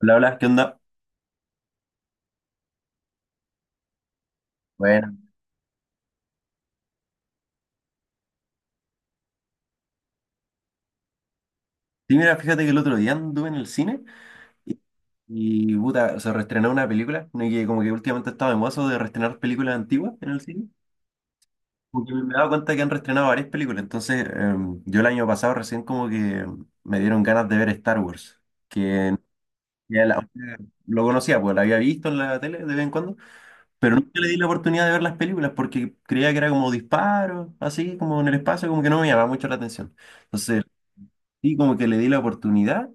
Hola, hola, ¿qué onda? Bueno, sí, mira, fíjate que el otro día anduve en el cine y, puta, se reestrenó una película, ¿no? Y que como que últimamente estaba de mozo de reestrenar películas antiguas en el cine. Porque me he dado cuenta que han reestrenado varias películas, entonces yo el año pasado recién como que me dieron ganas de ver Star Wars, que ya la- lo conocía, pues la había visto en la tele de vez en cuando, pero nunca le di la oportunidad de ver las películas porque creía que era como disparos, así como en el espacio, como que no me llamaba mucho la atención. Entonces y como que le di la oportunidad,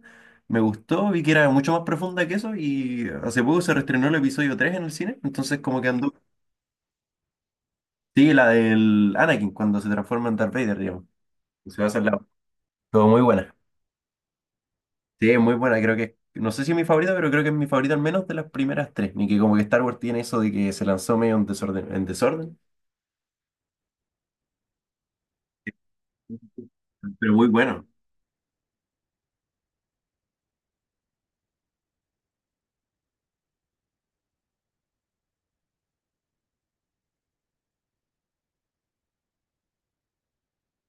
me gustó, vi que era mucho más profunda que eso y hace poco se reestrenó el episodio 3 en el cine, entonces como que andó. Sí, la del Anakin cuando se transforma en Darth Vader, digamos. Se va a el la todo muy buena. Sí, es muy buena, creo que no sé si es mi favorita, pero creo que es mi favorita al menos de las primeras 3. Ni que como que Star Wars tiene eso de que se lanzó medio en desorden, pero muy bueno.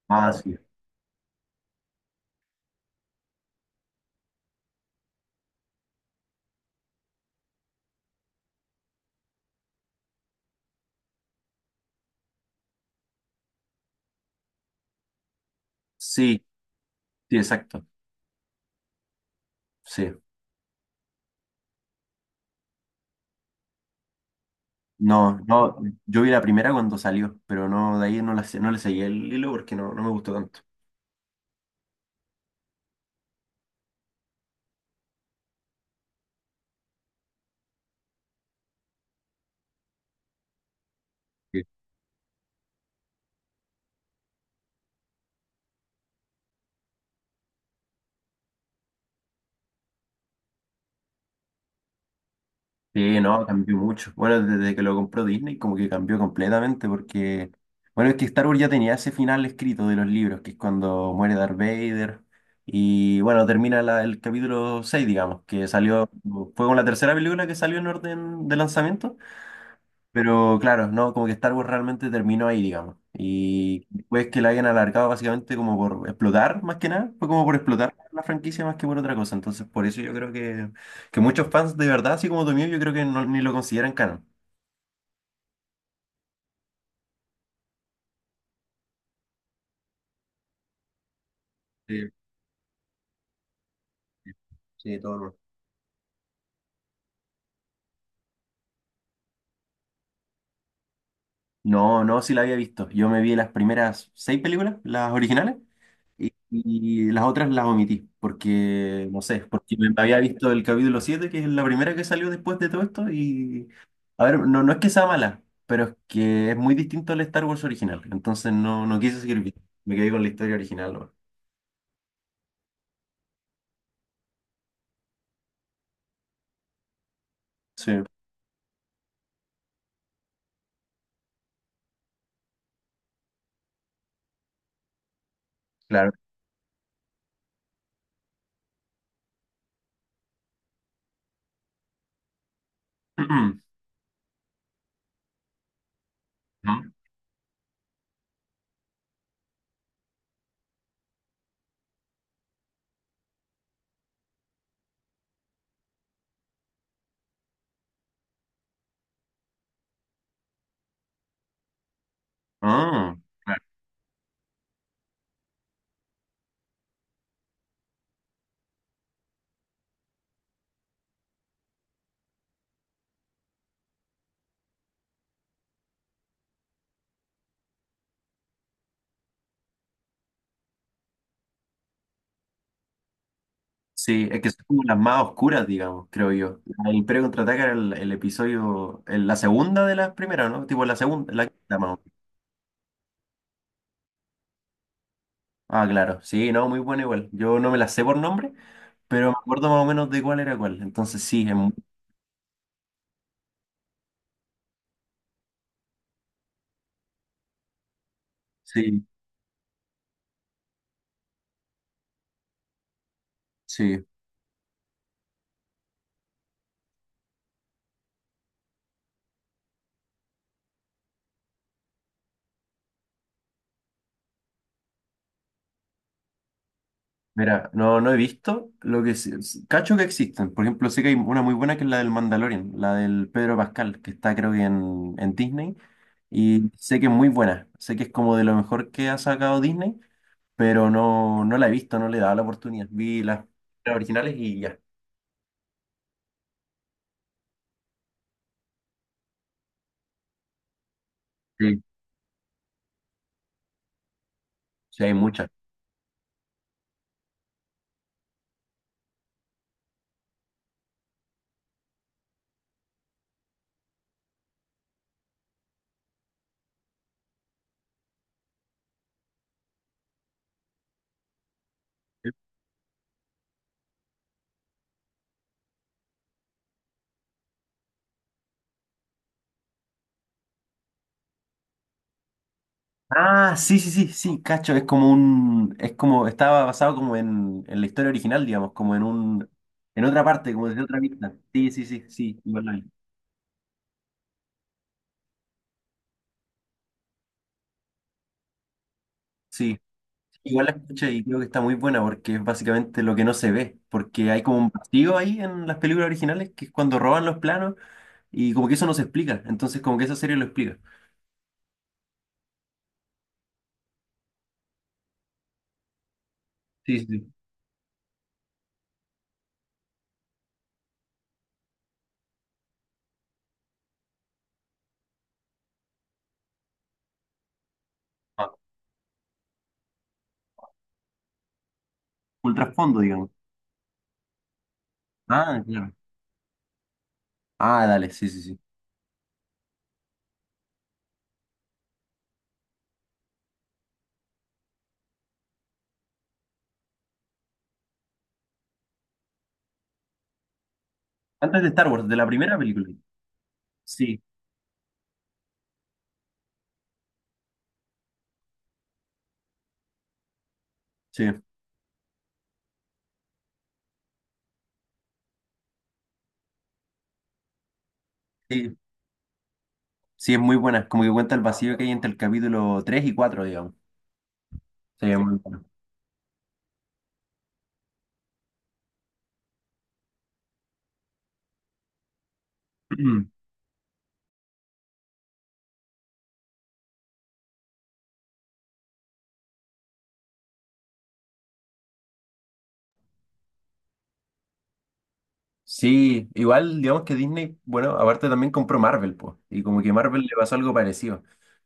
Ah, sí. Sí, sí, exacto. Sí. No, no, yo vi la primera cuando salió, pero no, de ahí no la, no le seguí el hilo porque no, no me gustó tanto. Sí. Sí, no, cambió mucho. Bueno, desde que lo compró Disney como que cambió completamente porque, bueno, es que Star Wars ya tenía ese final escrito de los libros, que es cuando muere Darth Vader y, bueno, termina el capítulo 6, digamos, que salió, fue con la tercera película que salió en orden de lanzamiento. Pero claro, no, como que Star Wars realmente terminó ahí, digamos. Y después que la hayan alargado básicamente como por explotar, más que nada, fue como por explotar la franquicia más que por otra cosa. Entonces, por eso yo creo que muchos fans de verdad, así como tú mío, yo creo que ni lo consideran canon. Sí, sí, sí, todo mal. No, no, sí la había visto. Yo me vi las primeras 6 películas, las originales, y las otras las omití, porque, no sé, porque me había visto el capítulo 7 que es la primera que salió después de todo esto, y, a ver, no, no es que sea mala, pero es que es muy distinto al Star Wars original, entonces no, no quise seguir viendo, me quedé con la historia original. ¿No? Sí, claro. ¿No? Ah, claro. Sí, es que son como las más oscuras, digamos, creo yo. El Imperio Contraataca era el episodio, la segunda de las primeras, ¿no? Tipo la segunda, la quinta más o... Ah, claro, sí, no, muy bueno igual. Yo no me la sé por nombre, pero me acuerdo más o menos de cuál era cuál. Entonces sí, sí, sí. Mira, no, no he visto lo que cacho que existen. Por ejemplo, sé que hay una muy buena que es la del Mandalorian, la del Pedro Pascal, que está creo que en Disney. Y sé que es muy buena. Sé que es como de lo mejor que ha sacado Disney, pero no, no la he visto, no le he dado la oportunidad. Vi las originales y ya. Sí, sí, hay muchas. Ah, sí, sí, sí, sí, cacho, es como un, es como, estaba basado como en la historia original, digamos, como en un, en otra parte, como desde otra vista. Sí, sí, sí, sí, igual la vi. Sí, igual la escuché y creo que está muy buena porque es básicamente lo que no se ve, porque hay como un vacío ahí en las películas originales que es cuando roban los planos y como que eso no se explica, entonces como que esa serie lo explica. Sí, sí, sí. Ah, un trasfondo, digamos. Ah, claro. Ah, dale, sí, sí, sí. Antes de Star Wars, de la primera película. Sí, sí. Sí, sí, es muy buena, como que cuenta el vacío que hay entre el capítulo 3 y 4, digamos. Sí, es muy buena. Sí, igual, digamos que Disney, bueno, aparte también compró Marvel, pues, y como que Marvel le pasó algo parecido.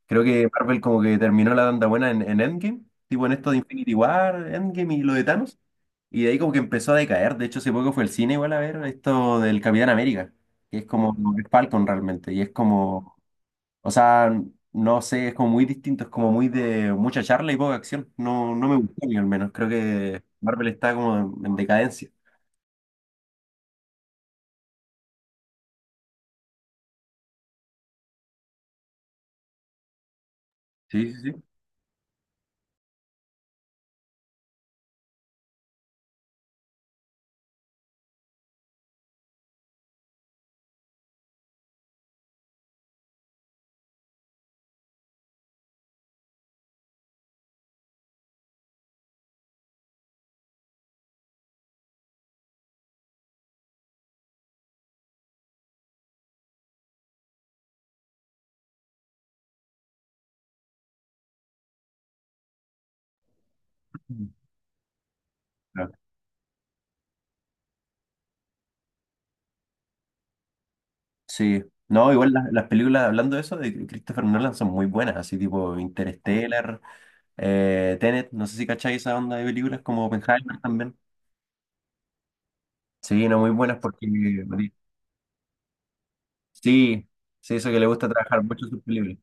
Creo que Marvel como que terminó la tanda buena en Endgame, tipo en esto de Infinity War, Endgame y lo de Thanos, y de ahí como que empezó a decaer. De hecho, hace poco fue el cine igual a ver esto del Capitán América, que es como como que es Falcon realmente, y es como... O sea, no sé, es como muy distinto, es como muy de mucha charla y poca acción. No, no me gustó a mí al menos. Creo que Marvel está como en decadencia. Sí, sí, sí. Claro. Sí. No, igual las películas, hablando de eso, de Christopher Nolan son muy buenas, así tipo Interstellar, Tenet, no sé si cacháis esa onda de películas como Oppenheimer también. Sí, no, muy buenas porque... Sí, sí, eso que le gusta trabajar mucho sus películas.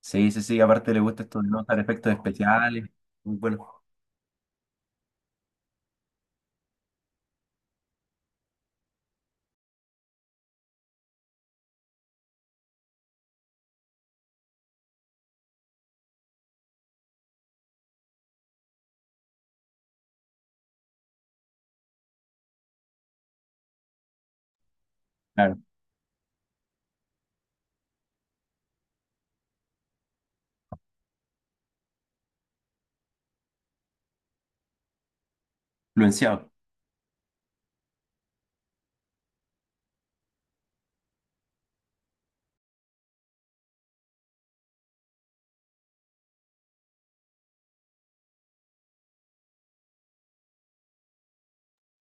Sí, sí, sí, aparte le gusta esto de notar efectos especiales, muy bueno. Claro, influenciado.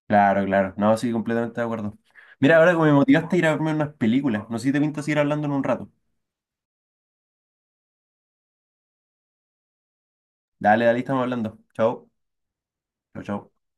Claro, claro. No, sí, completamente de acuerdo. Mira, ahora que me motivaste a ir a verme unas películas, no sé si te pinta seguir hablando en un rato. Dale, dale, estamos hablando. Chao. Chao, chao.